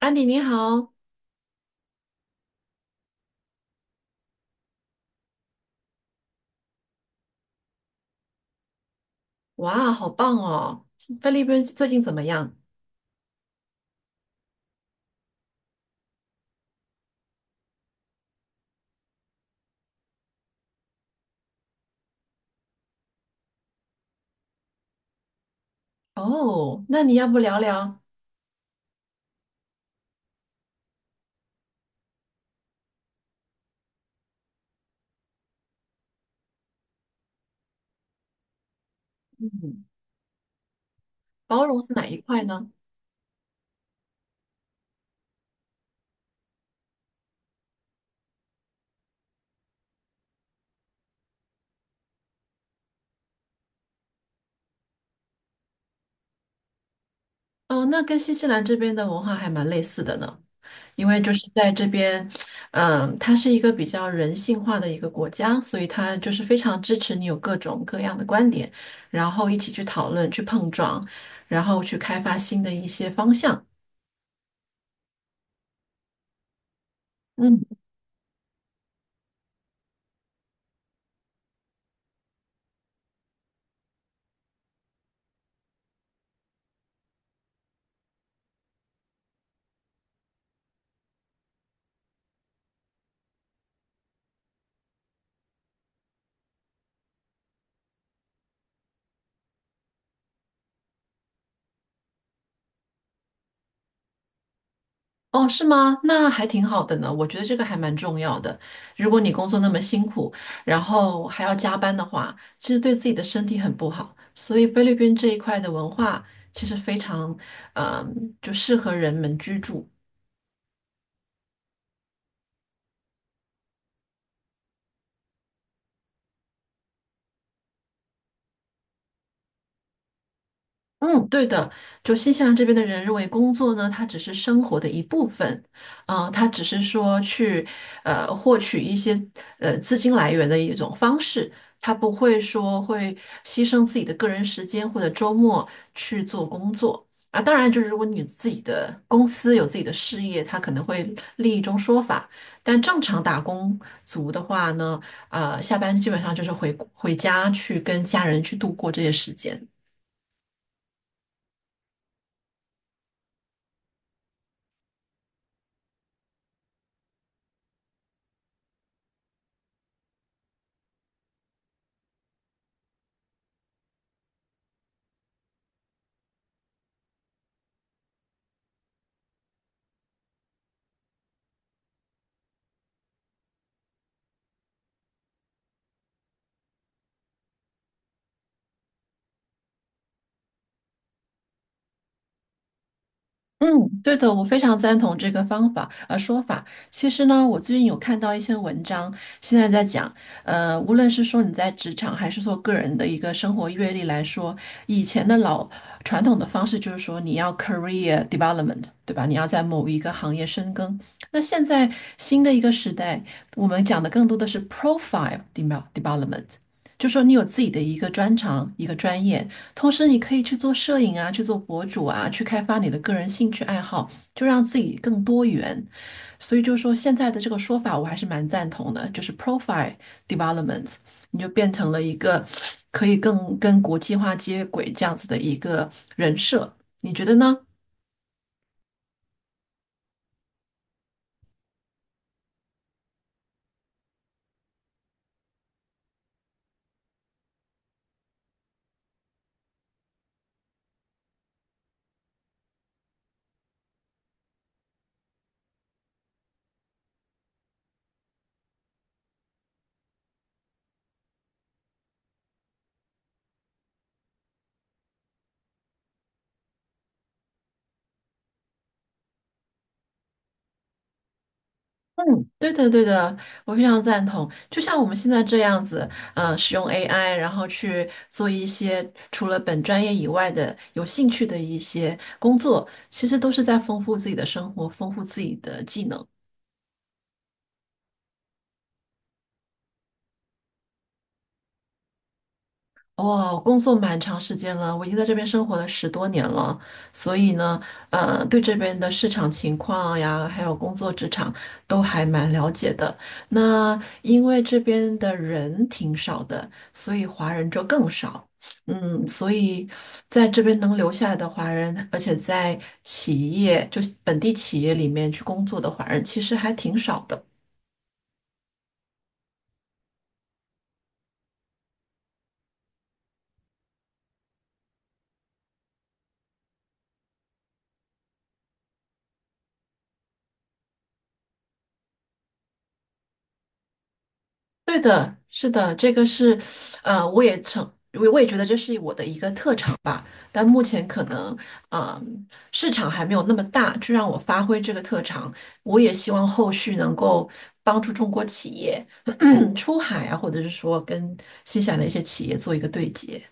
安迪你好。哇，好棒哦！菲律宾最近怎么样？哦，那你要不聊聊。嗯，包容是哪一块呢？哦，那跟新西兰这边的文化还蛮类似的呢，因为就是在这边，嗯，它是一个比较人性化的一个国家，所以它就是非常支持你有各种各样的观点，然后一起去讨论、去碰撞，然后去开发新的一些方向。嗯。哦，是吗？那还挺好的呢。我觉得这个还蛮重要的。如果你工作那么辛苦，然后还要加班的话，其实对自己的身体很不好。所以菲律宾这一块的文化其实非常，嗯、就适合人们居住。嗯，对的，就新西兰这边的人认为工作呢，它只是生活的一部分，嗯、它只是说去获取一些资金来源的一种方式，他不会说会牺牲自己的个人时间或者周末去做工作啊。当然，就是如果你自己的公司有自己的事业，它可能会另一种说法。但正常打工族的话呢，下班基本上就是回家去跟家人去度过这些时间。嗯，对的，我非常赞同这个说法。其实呢，我最近有看到一些文章，现在在讲，无论是说你在职场还是说个人的一个生活阅历来说，以前的老传统的方式就是说你要 career development，对吧？你要在某一个行业深耕。那现在新的一个时代，我们讲的更多的是 profile development，就说你有自己的一个专长、一个专业，同时，你可以去做摄影啊，去做博主啊，去开发你的个人兴趣爱好，就让自己更多元。所以就是说，现在的这个说法我还是蛮赞同的，就是 profile development，你就变成了一个可以更跟国际化接轨这样子的一个人设，你觉得呢？嗯，对的，对的，我非常赞同。就像我们现在这样子，使用 AI，然后去做一些除了本专业以外的有兴趣的一些工作，其实都是在丰富自己的生活，丰富自己的技能。哇，我工作蛮长时间了，我已经在这边生活了十多年了，所以呢，对这边的市场情况呀，还有工作职场都还蛮了解的。那因为这边的人挺少的，所以华人就更少。嗯，所以在这边能留下来的华人，而且在企业，就是本地企业里面去工作的华人，其实还挺少的。对的，是的，这个是，呃，我也成，我也觉得这是我的一个特长吧。但目前可能，呃，市场还没有那么大，去让我发挥这个特长。我也希望后续能够帮助中国企业 出海啊，或者是说跟新西兰的一些企业做一个对接。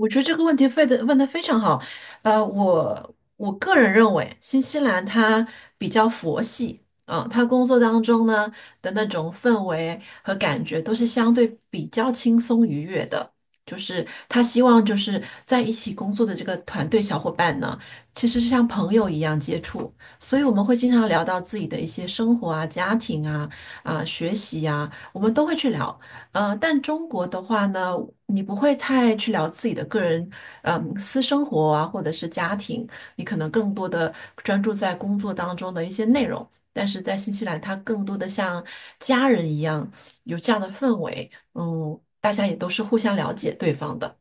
我觉得这个问题问的非常好，我个人认为，新西兰它比较佛系，啊，它工作当中呢的那种氛围和感觉都是相对比较轻松愉悦的，就是他希望就是在一起工作的这个团队小伙伴呢，其实是像朋友一样接触，所以我们会经常聊到自己的一些生活啊、家庭啊、啊、学习呀、我们都会去聊。但中国的话呢，你不会太去聊自己的个人，嗯，私生活啊，或者是家庭，你可能更多的专注在工作当中的一些内容。但是在新西兰，它更多的像家人一样，有这样的氛围，嗯，大家也都是互相了解对方的。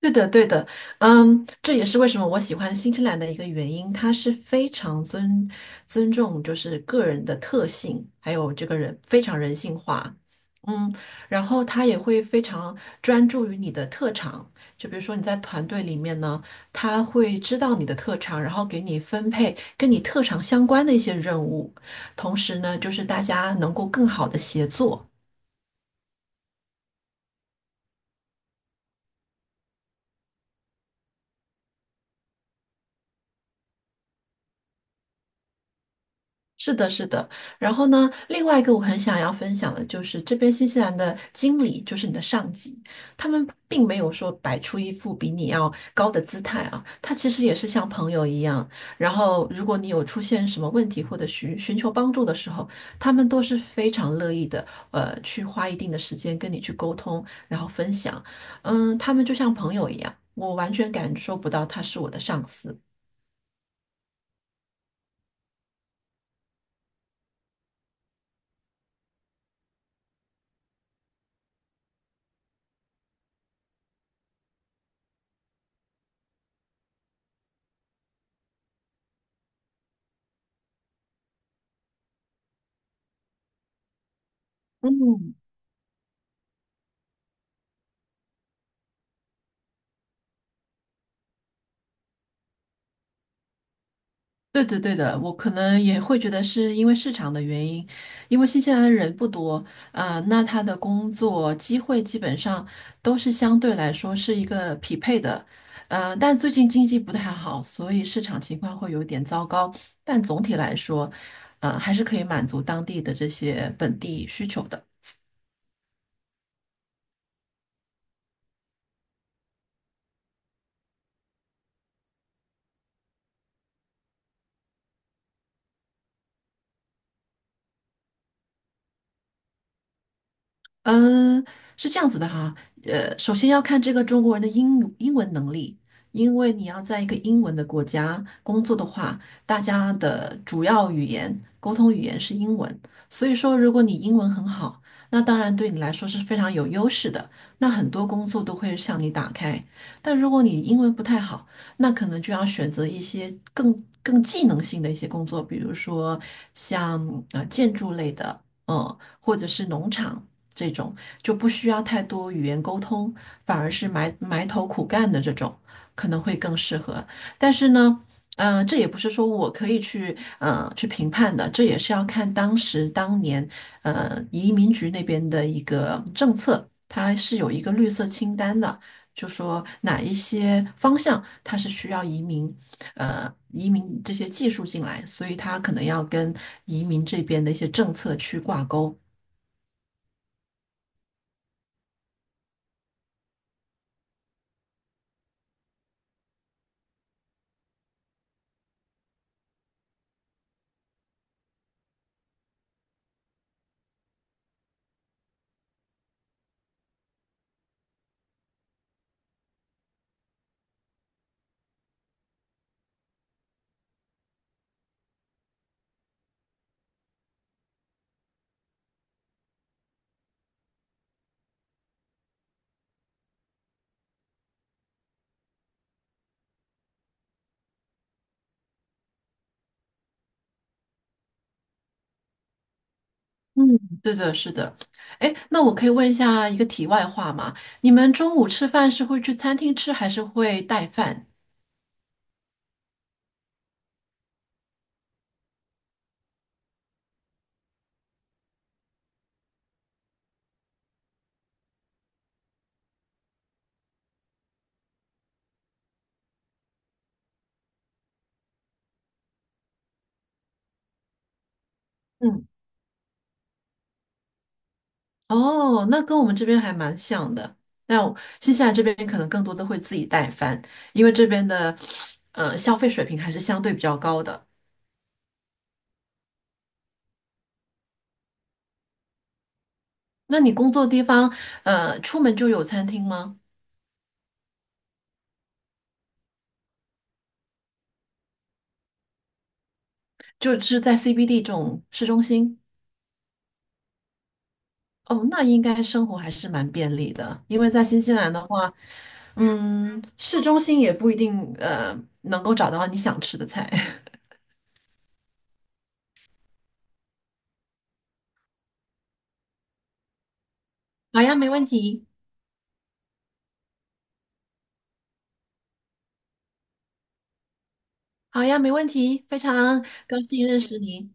对的，对的，嗯，这也是为什么我喜欢新西兰的一个原因，它是非常尊重，就是个人的特性，还有这个人非常人性化，嗯，然后他也会非常专注于你的特长，就比如说你在团队里面呢，他会知道你的特长，然后给你分配跟你特长相关的一些任务，同时呢，就是大家能够更好的协作。是的，是的。然后呢，另外一个我很想要分享的就是这边新西兰的经理，就是你的上级，他们并没有说摆出一副比你要高的姿态啊，他其实也是像朋友一样。然后，如果你有出现什么问题或者寻求帮助的时候，他们都是非常乐意的，去花一定的时间跟你去沟通，然后分享。嗯，他们就像朋友一样，我完全感受不到他是我的上司。嗯对的，对的，我可能也会觉得是因为市场的原因，因为新西兰的人不多，啊、那他的工作机会基本上都是相对来说是一个匹配的，但最近经济不太好，所以市场情况会有点糟糕，但总体来说，还是可以满足当地的这些本地需求的。嗯，是这样子的哈，首先要看这个中国人的英文能力，因为你要在一个英文的国家工作的话，大家的主要沟通语言是英文，所以说如果你英文很好，那当然对你来说是非常有优势的，那很多工作都会向你打开。但如果你英文不太好，那可能就要选择一些更技能性的一些工作，比如说像建筑类的，嗯，或者是农场。这种，就不需要太多语言沟通，反而是埋头苦干的这种，可能会更适合。但是呢，嗯、这也不是说我可以去去评判的，这也是要看当年移民局那边的一个政策，它是有一个绿色清单的。就说哪一些方向它是需要移民，移民这些技术进来，所以它可能要跟移民这边的一些政策去挂钩。嗯，对的，是的。哎，那我可以问一下一个题外话吗？你们中午吃饭是会去餐厅吃，还是会带饭？嗯，哦，那跟我们这边还蛮像的。那我新西兰这边可能更多的会自己带饭，因为这边的消费水平还是相对比较高的。那你工作地方出门就有餐厅吗？就是在 CBD 这种市中心？哦，那应该生活还是蛮便利的，因为在新西兰的话，嗯，市中心也不一定能够找到你想吃的菜。好呀，没问题。好呀，没问题。非常高兴认识你。